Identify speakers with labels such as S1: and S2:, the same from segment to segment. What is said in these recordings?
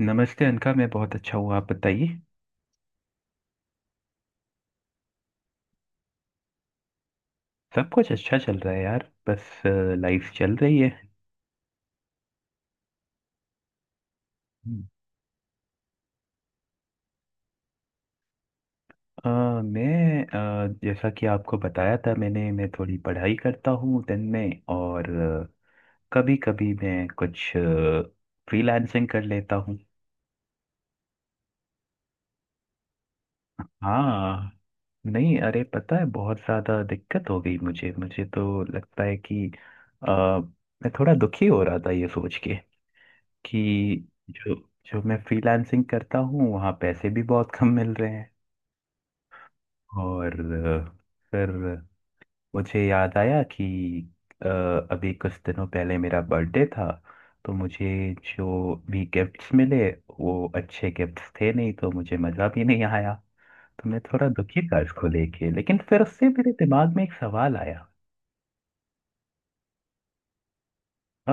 S1: नमस्ते अनका। मैं बहुत अच्छा हूँ, आप बताइए। सब कुछ अच्छा चल रहा है यार, बस लाइफ चल रही है। हम्म। अ, मैं जैसा कि आपको बताया था, मैं थोड़ी पढ़ाई करता हूँ दिन में, और कभी कभी मैं कुछ फ्रीलांसिंग कर लेता हूँ। हाँ, नहीं अरे पता है, बहुत ज़्यादा दिक्कत हो गई। मुझे मुझे तो लगता है कि अ, मैं थोड़ा दुखी हो रहा था ये सोच के कि जो जो मैं फ्रीलांसिंग करता हूँ वहाँ पैसे भी बहुत कम मिल रहे हैं। और फिर मुझे याद आया कि अ, अभी कुछ दिनों पहले मेरा बर्थडे था, तो मुझे जो भी गिफ्ट्स मिले वो अच्छे गिफ्ट्स थे नहीं, तो मुझे मज़ा भी नहीं आया। तो मैं थोड़ा दुखी था इसको लेके, लेकिन फिर उससे मेरे दिमाग में एक सवाल आया। अ,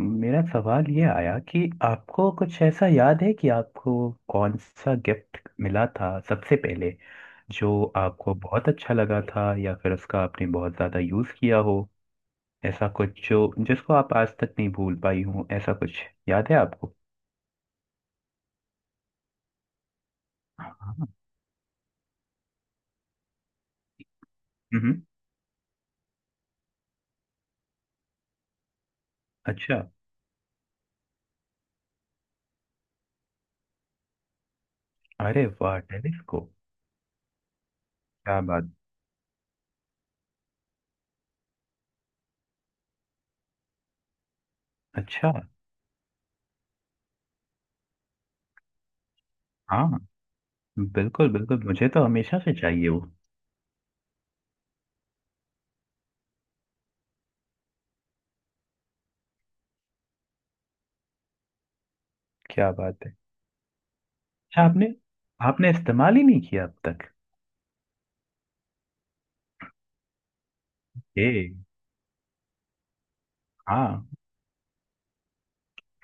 S1: मेरा सवाल ये आया कि आपको कुछ ऐसा याद है कि आपको कौन सा गिफ्ट मिला था सबसे पहले, जो आपको बहुत अच्छा लगा था या फिर उसका आपने बहुत ज़्यादा यूज़ किया हो? ऐसा कुछ जो, जिसको आप आज तक नहीं भूल पाई हो, ऐसा कुछ याद है आपको? हाँ। हम्म। अच्छा। अरे वाह टेलीस्कोप! क्या बात। अच्छा। हाँ बिल्कुल बिल्कुल, मुझे तो हमेशा से चाहिए वो। क्या बात है। अच्छा, आपने आपने इस्तेमाल ही नहीं किया अब तक? ए, हाँ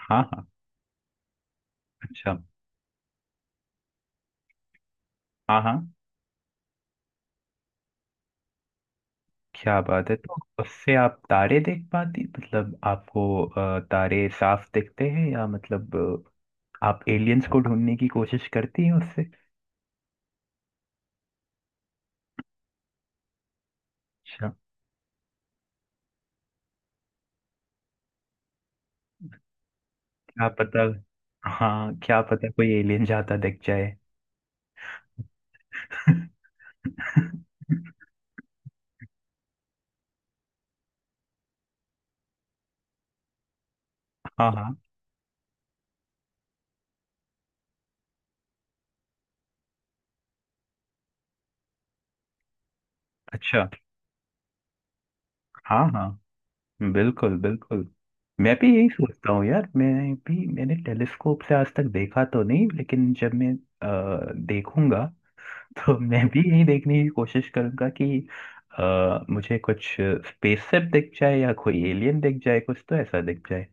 S1: हाँ हाँ। अच्छा। हाँ हाँ, क्या बात है। तो उससे आप तारे देख पाती, मतलब आपको तारे साफ दिखते हैं, या मतलब आप एलियंस को ढूंढने की कोशिश करती हैं उससे? अच्छा। क्या पता। हाँ, क्या पता कोई एलियन जाता दिख जाए। हाँ हाँ। अच्छा। हाँ हाँ, बिल्कुल बिल्कुल। मैं भी यही सोचता हूँ यार, मैं भी मैंने टेलीस्कोप से आज तक देखा तो नहीं, लेकिन जब मैं देखूंगा तो मैं भी यही देखने की कोशिश करूंगा कि मुझे कुछ स्पेसशिप दिख जाए या कोई एलियन दिख जाए, कुछ तो ऐसा दिख जाए।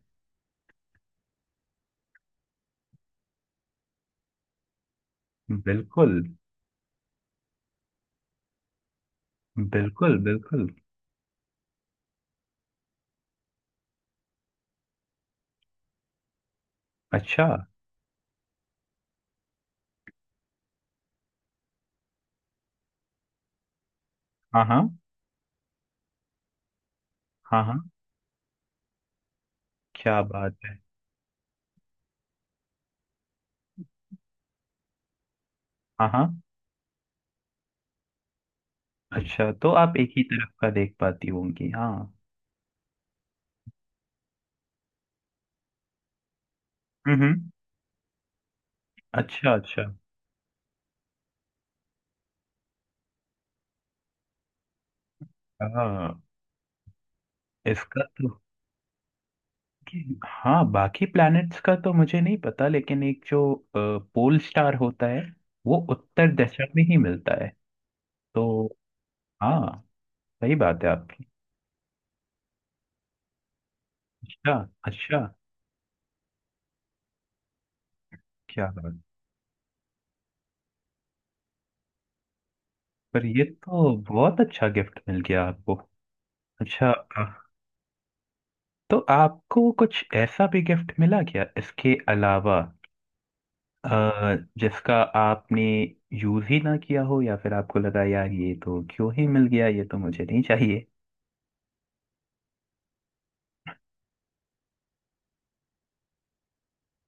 S1: बिल्कुल। बिल्कुल बिल्कुल। अच्छा। हाँ हाँ। हाँ हाँ। क्या बात है। हाँ हाँ। अच्छा, तो आप एक ही तरफ का देख पाती होंगी, हाँ। हम्म। अच्छा अच्छा। हाँ। इसका तो हाँ बाकी प्लैनेट्स का तो मुझे नहीं पता, लेकिन एक जो पोल स्टार होता है वो उत्तर दिशा में ही मिलता है। तो हाँ, सही बात है आपकी। अच्छा। अच्छा। क्या बात। पर ये तो बहुत अच्छा गिफ्ट मिल गया आपको। अच्छा। आ, तो आपको कुछ ऐसा भी गिफ्ट मिला क्या इसके अलावा, आ, जिसका आपने यूज ही ना किया हो, या फिर आपको लगा यार ये तो क्यों ही मिल गया, ये तो मुझे नहीं चाहिए।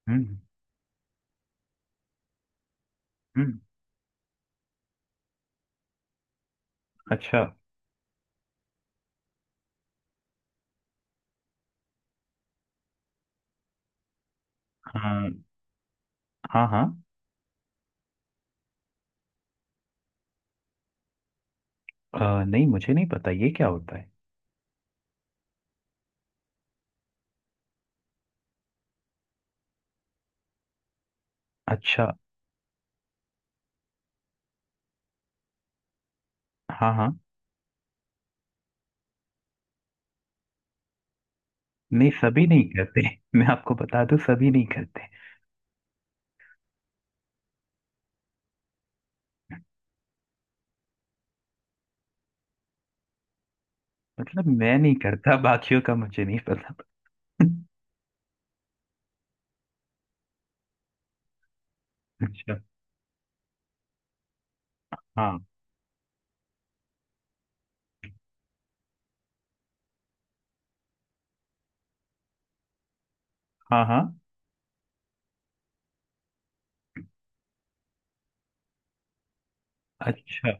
S1: हम्म हम्म। अच्छा। हाँ हाँ हाँ। आ, नहीं मुझे नहीं पता ये क्या होता है। अच्छा। हाँ हाँ। नहीं सभी नहीं करते। मैं आपको बता दूं, सभी नहीं करते। मतलब मैं नहीं करता, बाकियों का मुझे नहीं पता। अच्छा। हाँ हाँ। हाँ। अच्छा।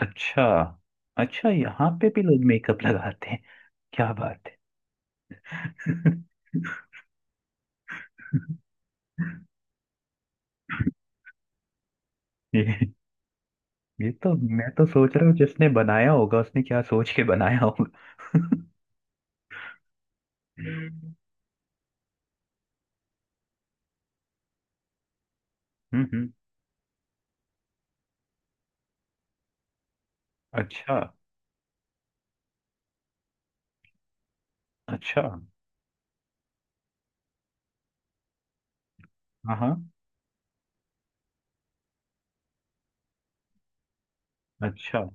S1: अच्छा। अच्छा यहाँ पे भी लोग मेकअप लगाते हैं? क्या बात है। ये ये तो मैं तो सोच रहा हूँ जिसने बनाया होगा उसने क्या सोच के बनाया होगा। हम्म। हम्म। अच्छा। अच्छा। हाँ हाँ। अच्छा।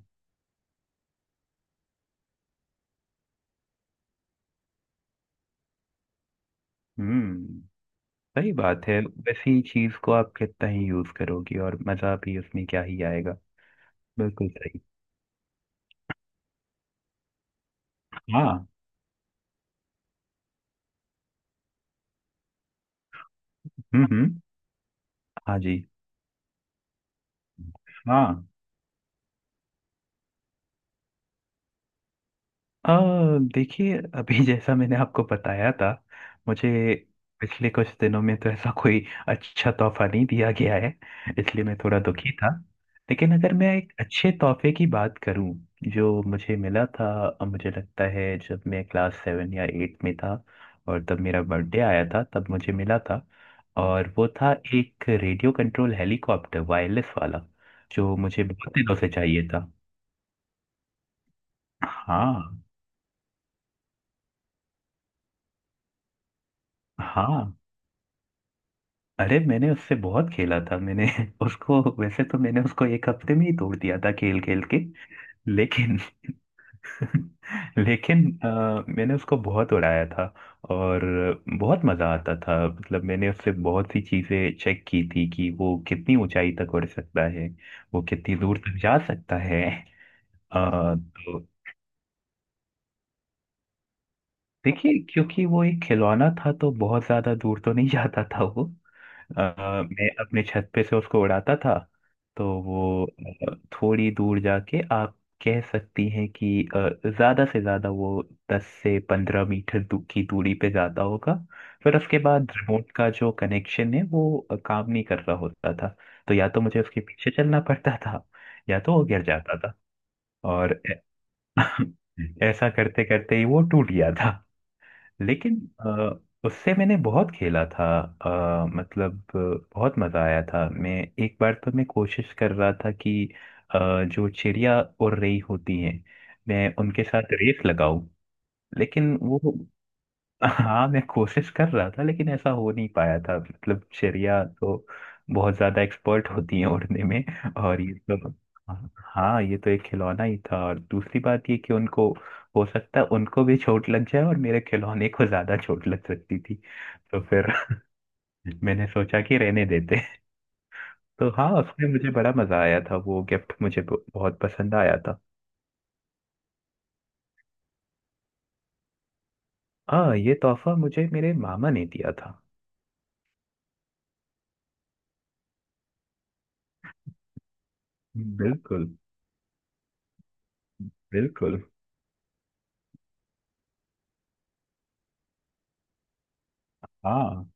S1: हम्म। सही बात है, वैसी चीज को आप कितना ही यूज करोगी और मजा भी उसमें क्या ही आएगा। बिल्कुल सही। हाँ। हम्म। हाँ जी। हाँ। अ, देखिए अभी जैसा मैंने आपको बताया था, मुझे पिछले कुछ दिनों में तो ऐसा कोई अच्छा तोहफा नहीं दिया गया है, इसलिए मैं थोड़ा दुखी था। लेकिन अगर मैं एक अच्छे तोहफे की बात करूं जो मुझे मिला था, मुझे लगता है जब मैं क्लास 7 या 8 में था, और तब मेरा बर्थडे आया था तब मुझे मिला था। और वो था एक रेडियो कंट्रोल हेलीकॉप्टर, वायरलेस वाला, जो मुझे बहुत दिनों से चाहिए था। हाँ हाँ। अरे मैंने उससे बहुत खेला था। मैंने उसको, वैसे तो मैंने उसको एक हफ्ते में ही तोड़ दिया था खेल खेल के, लेकिन लेकिन मैंने उसको बहुत उड़ाया था। और बहुत मजा आता था, मतलब मैंने उससे बहुत सी चीजें चेक की थी कि वो कितनी ऊंचाई तक उड़ सकता है, वो कितनी दूर तक जा सकता है। तो देखिए क्योंकि वो एक खिलौना था तो बहुत ज्यादा दूर तो नहीं जाता था वो। मैं अपने छत पे से उसको उड़ाता था, तो वो थोड़ी दूर जाके, आप कह सकती हैं कि अ, ज्यादा से ज्यादा वो 10 से 15 मीटर की दूरी पे जाता होगा। फिर उसके बाद रिमोट का जो कनेक्शन है वो काम नहीं कर रहा होता था। तो या तो मुझे उसके पीछे चलना पड़ता था, या तो वो गिर जाता था। और ऐसा करते करते ही वो टूट गया था। लेकिन उससे मैंने बहुत खेला था। मतलब बहुत मज़ा आया था। मैं एक बार तो मैं कोशिश कर रहा था कि अ, जो चिड़िया उड़ रही होती हैं मैं उनके साथ रेस लगाऊं। लेकिन वो, हाँ मैं कोशिश कर रहा था लेकिन ऐसा हो नहीं पाया था। मतलब चिड़िया तो बहुत ज्यादा एक्सपर्ट होती है उड़ने में, और ये तो हाँ ये तो एक खिलौना ही था। और दूसरी बात ये कि उनको, हो सकता है उनको भी चोट लग जाए और मेरे खिलौने को ज्यादा चोट लग सकती थी। तो फिर मैंने सोचा कि रहने देते। तो हाँ उसमें मुझे बड़ा मजा आया था, वो गिफ्ट मुझे बहुत पसंद आया था। हाँ ये तोहफा मुझे मेरे मामा ने दिया था। बिल्कुल। बिल्कुल। हाँ।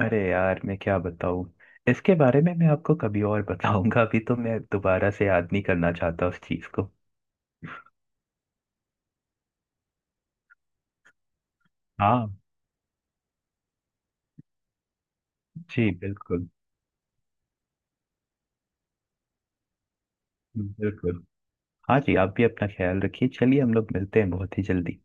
S1: अरे यार मैं क्या बताऊं, इसके बारे में मैं आपको कभी और बताऊंगा, अभी तो मैं दोबारा से याद नहीं करना चाहता उस चीज को। हाँ जी, बिल्कुल। बिल्कुल। हाँ जी, आप भी अपना ख्याल रखिए, चलिए हम लोग मिलते हैं बहुत ही जल्दी।